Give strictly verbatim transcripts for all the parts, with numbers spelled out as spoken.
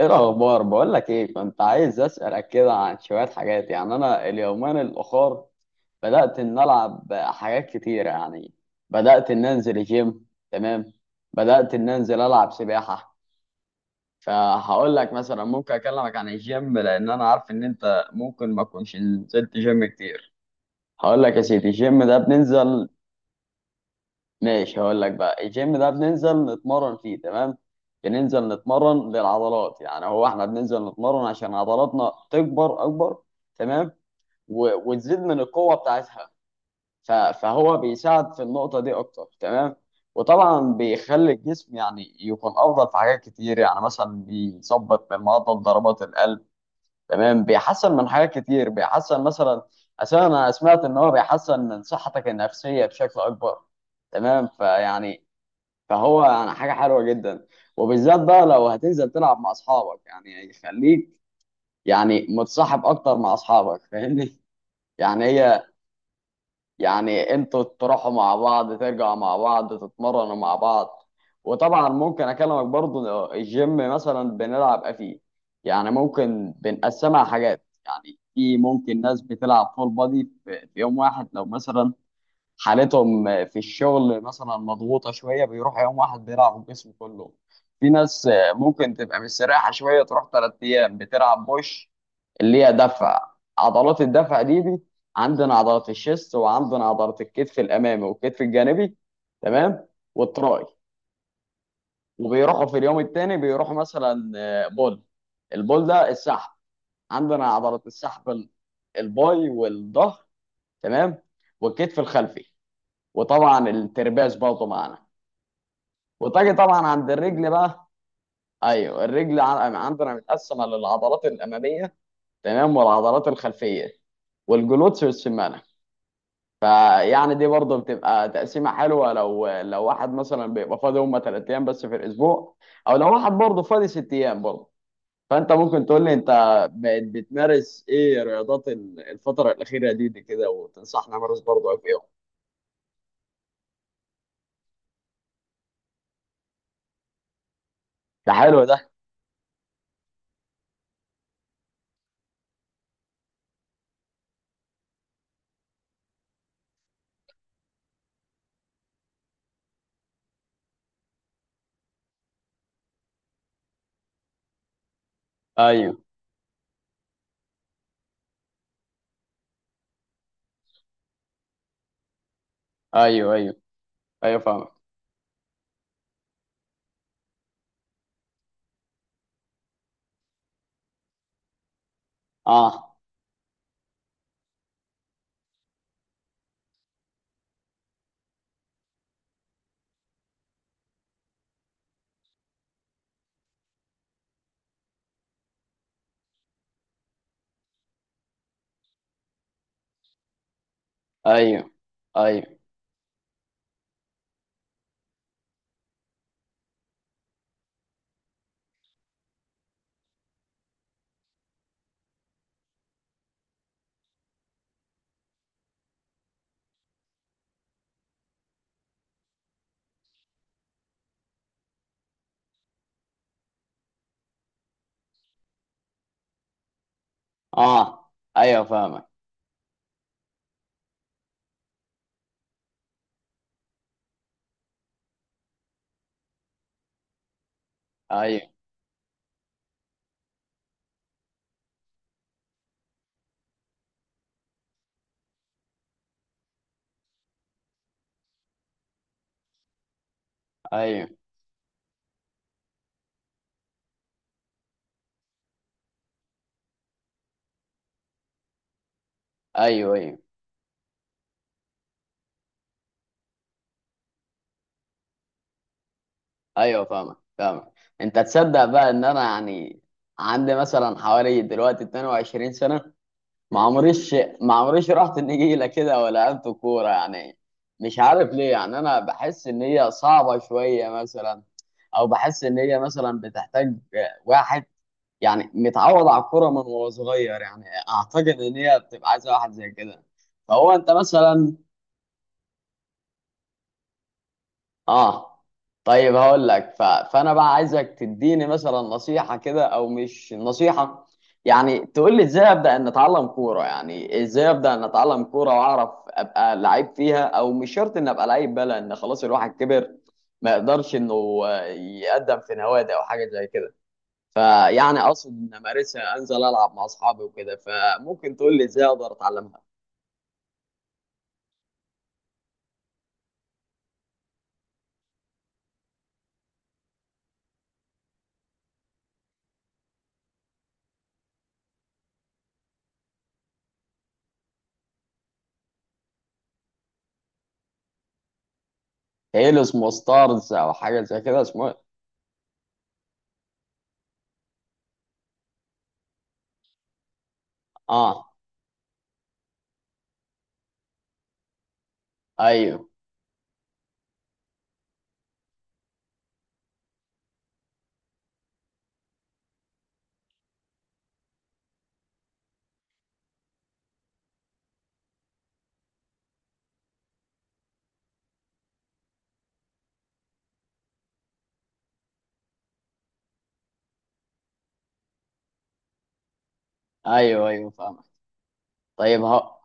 ايه الاخبار؟ بقول لك ايه، كنت عايز اسالك كده عن شويه حاجات. يعني انا اليومين الاخر بدات ان العب حاجات كتيره يعني. بدات ان انزل جيم، تمام. بدات ان انزل العب سباحه. فهقول لك مثلا ممكن اكلمك عن الجيم لان انا عارف ان انت ممكن ما كنتش نزلت جيم كتير. هقول لك يا سيدي، الجيم ده بننزل. ماشي، هقول لك بقى، الجيم ده بننزل نتمرن فيه، تمام. بننزل نتمرن للعضلات، يعني هو احنا بننزل نتمرن عشان عضلاتنا تكبر اكبر، تمام. و- وتزيد من القوة بتاعتها. ف- فهو بيساعد في النقطة دي اكتر، تمام. وطبعا بيخلي الجسم يعني يكون افضل في حاجات كتير، يعني مثلا بيظبط من معدل ضربات القلب، تمام. بيحسن من حاجات كتير، بيحسن مثلا. اساسا انا سمعت ان هو بيحسن من صحتك النفسية بشكل اكبر، تمام. فيعني فهو يعني حاجه حلوه جدا. وبالذات بقى لو هتنزل تلعب مع اصحابك، يعني خليك يعني متصاحب اكتر مع اصحابك، فاهمني؟ يعني هي يعني انتوا تروحوا مع بعض، ترجعوا مع بعض، تتمرنوا مع بعض. وطبعا ممكن اكلمك برضو إنه الجيم مثلا بنلعب إيه فيه. يعني ممكن بنقسمها حاجات، يعني في ممكن ناس بتلعب فول بادي في في يوم واحد، لو مثلا حالتهم في الشغل مثلا مضغوطه شويه، بيروح يوم واحد بيلعب الجسم كله. في ناس ممكن تبقى مستريحه شويه، تروح ثلاث ايام بتلعب بوش، اللي هي دفع. عضلات الدفع دي دي عندنا عضلات الشيست، وعندنا عضلات الكتف الامامي والكتف الجانبي، تمام. والتراي. وبيروحوا في اليوم الثاني بيروحوا مثلا آه، بول. البول ده السحب، عندنا عضلات السحب ال- الباي والظهر، تمام. والكتف الخلفي. وطبعا الترباس برضه معانا. وتجي طبعا عند الرجل بقى. ايوه الرجل، ع- عندنا متقسمه للعضلات الاماميه، تمام، والعضلات الخلفيه، والجلوتس والسمانه. فيعني دي برضه بتبقى تقسيمه حلوه لو لو واحد مثلا بيبقى فاضي هم ثلاث ايام بس في الاسبوع، او لو واحد برضه فاضي ست ايام برضه. فانت ممكن تقول لي، انت بقيت بتمارس ايه رياضات ال- الفتره الاخيره دي, دي كده، وتنصحني امارس برضه ايه فيهم. ده حلو ده. ايوه، ايوه، ايوه، ايوه، فاهمك. اه، ايوه، ايوه، اه، ايوه، فاهمك. ايوه، ايوه، ايوه، ايوه، ايوه، فاهمك فاهمك. انت تصدق بقى ان انا يعني عندي مثلا حوالي دلوقتي اثنين وعشرين سنه. ما عمريش ما عمريش رحت النجيله كده ولا لعبت كوره يعني. مش عارف ليه، يعني انا بحس ان هي صعبه شويه مثلا، او بحس ان هي مثلا بتحتاج واحد يعني متعود على الكوره من وهو صغير، يعني اعتقد ان هي بتبقى عايزه واحد زي كده. فهو انت مثلا. اه. طيب هقول لك، ف... فانا بقى عايزك تديني مثلا نصيحه كده، او مش نصيحه، يعني تقول لي ازاي ابدا ان اتعلم كوره. يعني ازاي ابدا ان اتعلم كوره واعرف ابقى لعيب فيها، او مش شرط ان ابقى لعيب بقى، لان خلاص الواحد كبر، ما يقدرش انه يقدم في نوادي او حاجه زي كده. فيعني اقصد ان امارسها، انزل العب مع اصحابي وكده، فممكن تقول لي ازاي اقدر اتعلمها. هيل اسمه ستارز او حاجه زي كده، اسمه إيه؟ اه. ايوه، ايوه، ايوه، فاهم. طيب هو،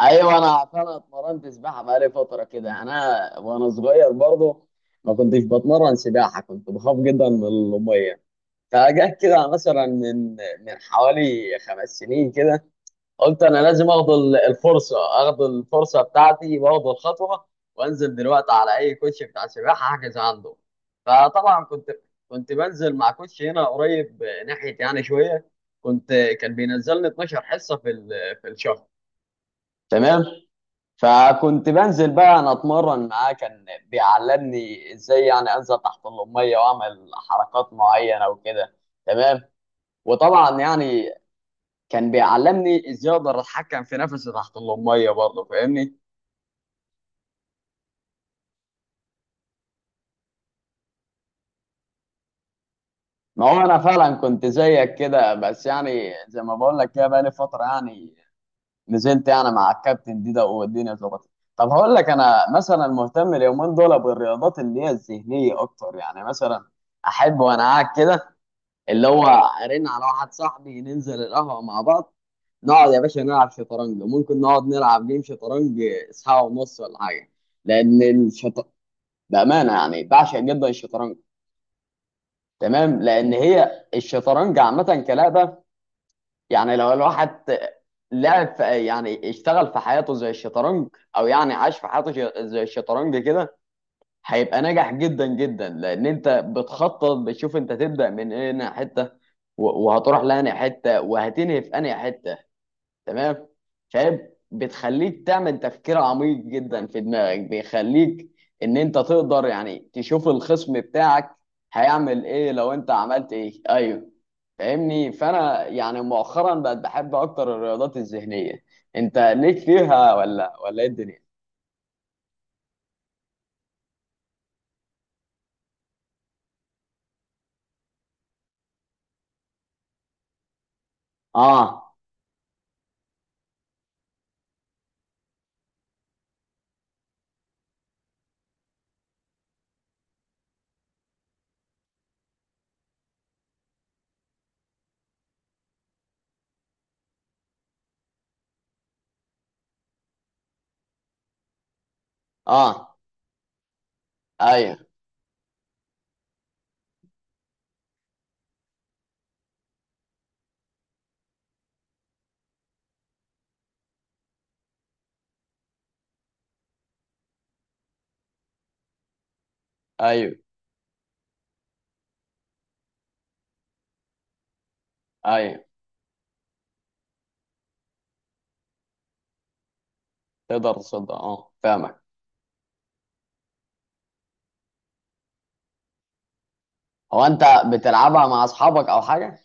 ايوه انا انا اتمرنت سباحه بقالي فتره كده، انا وانا صغير برضو ما كنتش بتمرن سباحه، كنت بخاف جدا من الميه. فجاه كده مثلا من من حوالي خمس سنين كده قلت انا لازم اخد ال- الفرصه، اخد الفرصه بتاعتي واخد الخطوه، وانزل دلوقتي على اي كوتش بتاع سباحه احجز عنده. فطبعا كنت كنت بنزل مع كوتش هنا قريب ناحيه يعني شويه. كنت كان بينزلني اتناشر حصه في ال- في الشهر، تمام. فكنت بنزل بقى انا اتمرن معاه، كان بيعلمني ازاي يعني انزل تحت الاميه واعمل حركات معينه وكده، تمام. وطبعا يعني كان بيعلمني ازاي اقدر اتحكم في نفسي تحت الاميه برضه، فاهمني؟ ما هو انا فعلا كنت زيك كده، بس يعني زي ما بقول لك كده بقالي فتره يعني، نزلت يعني مع الكابتن دي ده والدنيا ظبطت. طب هقول لك، انا مثلا مهتم اليومين دول بالرياضات اللي هي الذهنيه اكتر، يعني مثلا احب وانا قاعد كده، اللي هو ارن على واحد صاحبي ننزل القهوه مع بعض، نقعد يا باشا نلعب شطرنج. ممكن نقعد نلعب جيم شطرنج ساعه ونص ولا حاجه. لان الشط، بامانه يعني بعشق جدا الشطرنج، تمام. لان هي الشطرنج عامه كلعبه، يعني لو الواحد لعب في، يعني اشتغل في حياته زي الشطرنج، او يعني عاش في حياته ش- زي الشطرنج كده، هيبقى ناجح جدا جدا. لان انت بتخطط، بتشوف انت تبدا من هنا حته، و- وهتروح لانهي حته، وهتنهي في انهي حته، تمام. فاهم، بتخليك تعمل تفكير عميق جدا في دماغك، بيخليك ان انت تقدر يعني تشوف الخصم بتاعك هيعمل ايه لو انت عملت ايه. ايوه، فاهمني؟ فانا يعني مؤخرا بقت بحب اكتر الرياضات الذهنيه. انت ليك فيها ولا ولا ايه الدنيا؟ اه، اه، ايوه، ايوه، ايوه، تقدر تصدق. اه فاهمك. هو انت بتلعبها مع اصحابك او حاجه؟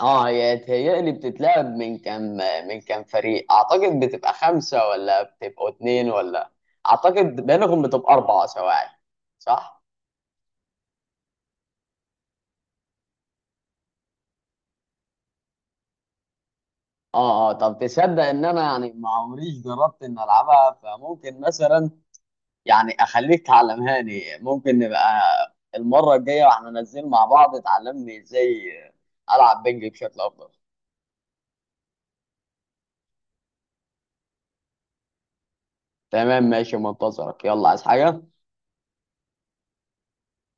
اه، هي تهيألي بتتلعب من كام، من كام فريق، اعتقد بتبقى خمسه، ولا بتبقوا اتنين، ولا اعتقد بينهم بتبقى اربعه سواعي، صح؟ اه، اه. طب تصدق ان انا يعني ما عمريش جربت ان العبها؟ فممكن مثلا يعني اخليك تعلمهاني، ممكن نبقى المره الجايه واحنا نازلين مع بعض تعلمني ازاي العب بنج بشكل افضل. تمام، ماشي، منتظرك، يلا، عايز حاجه؟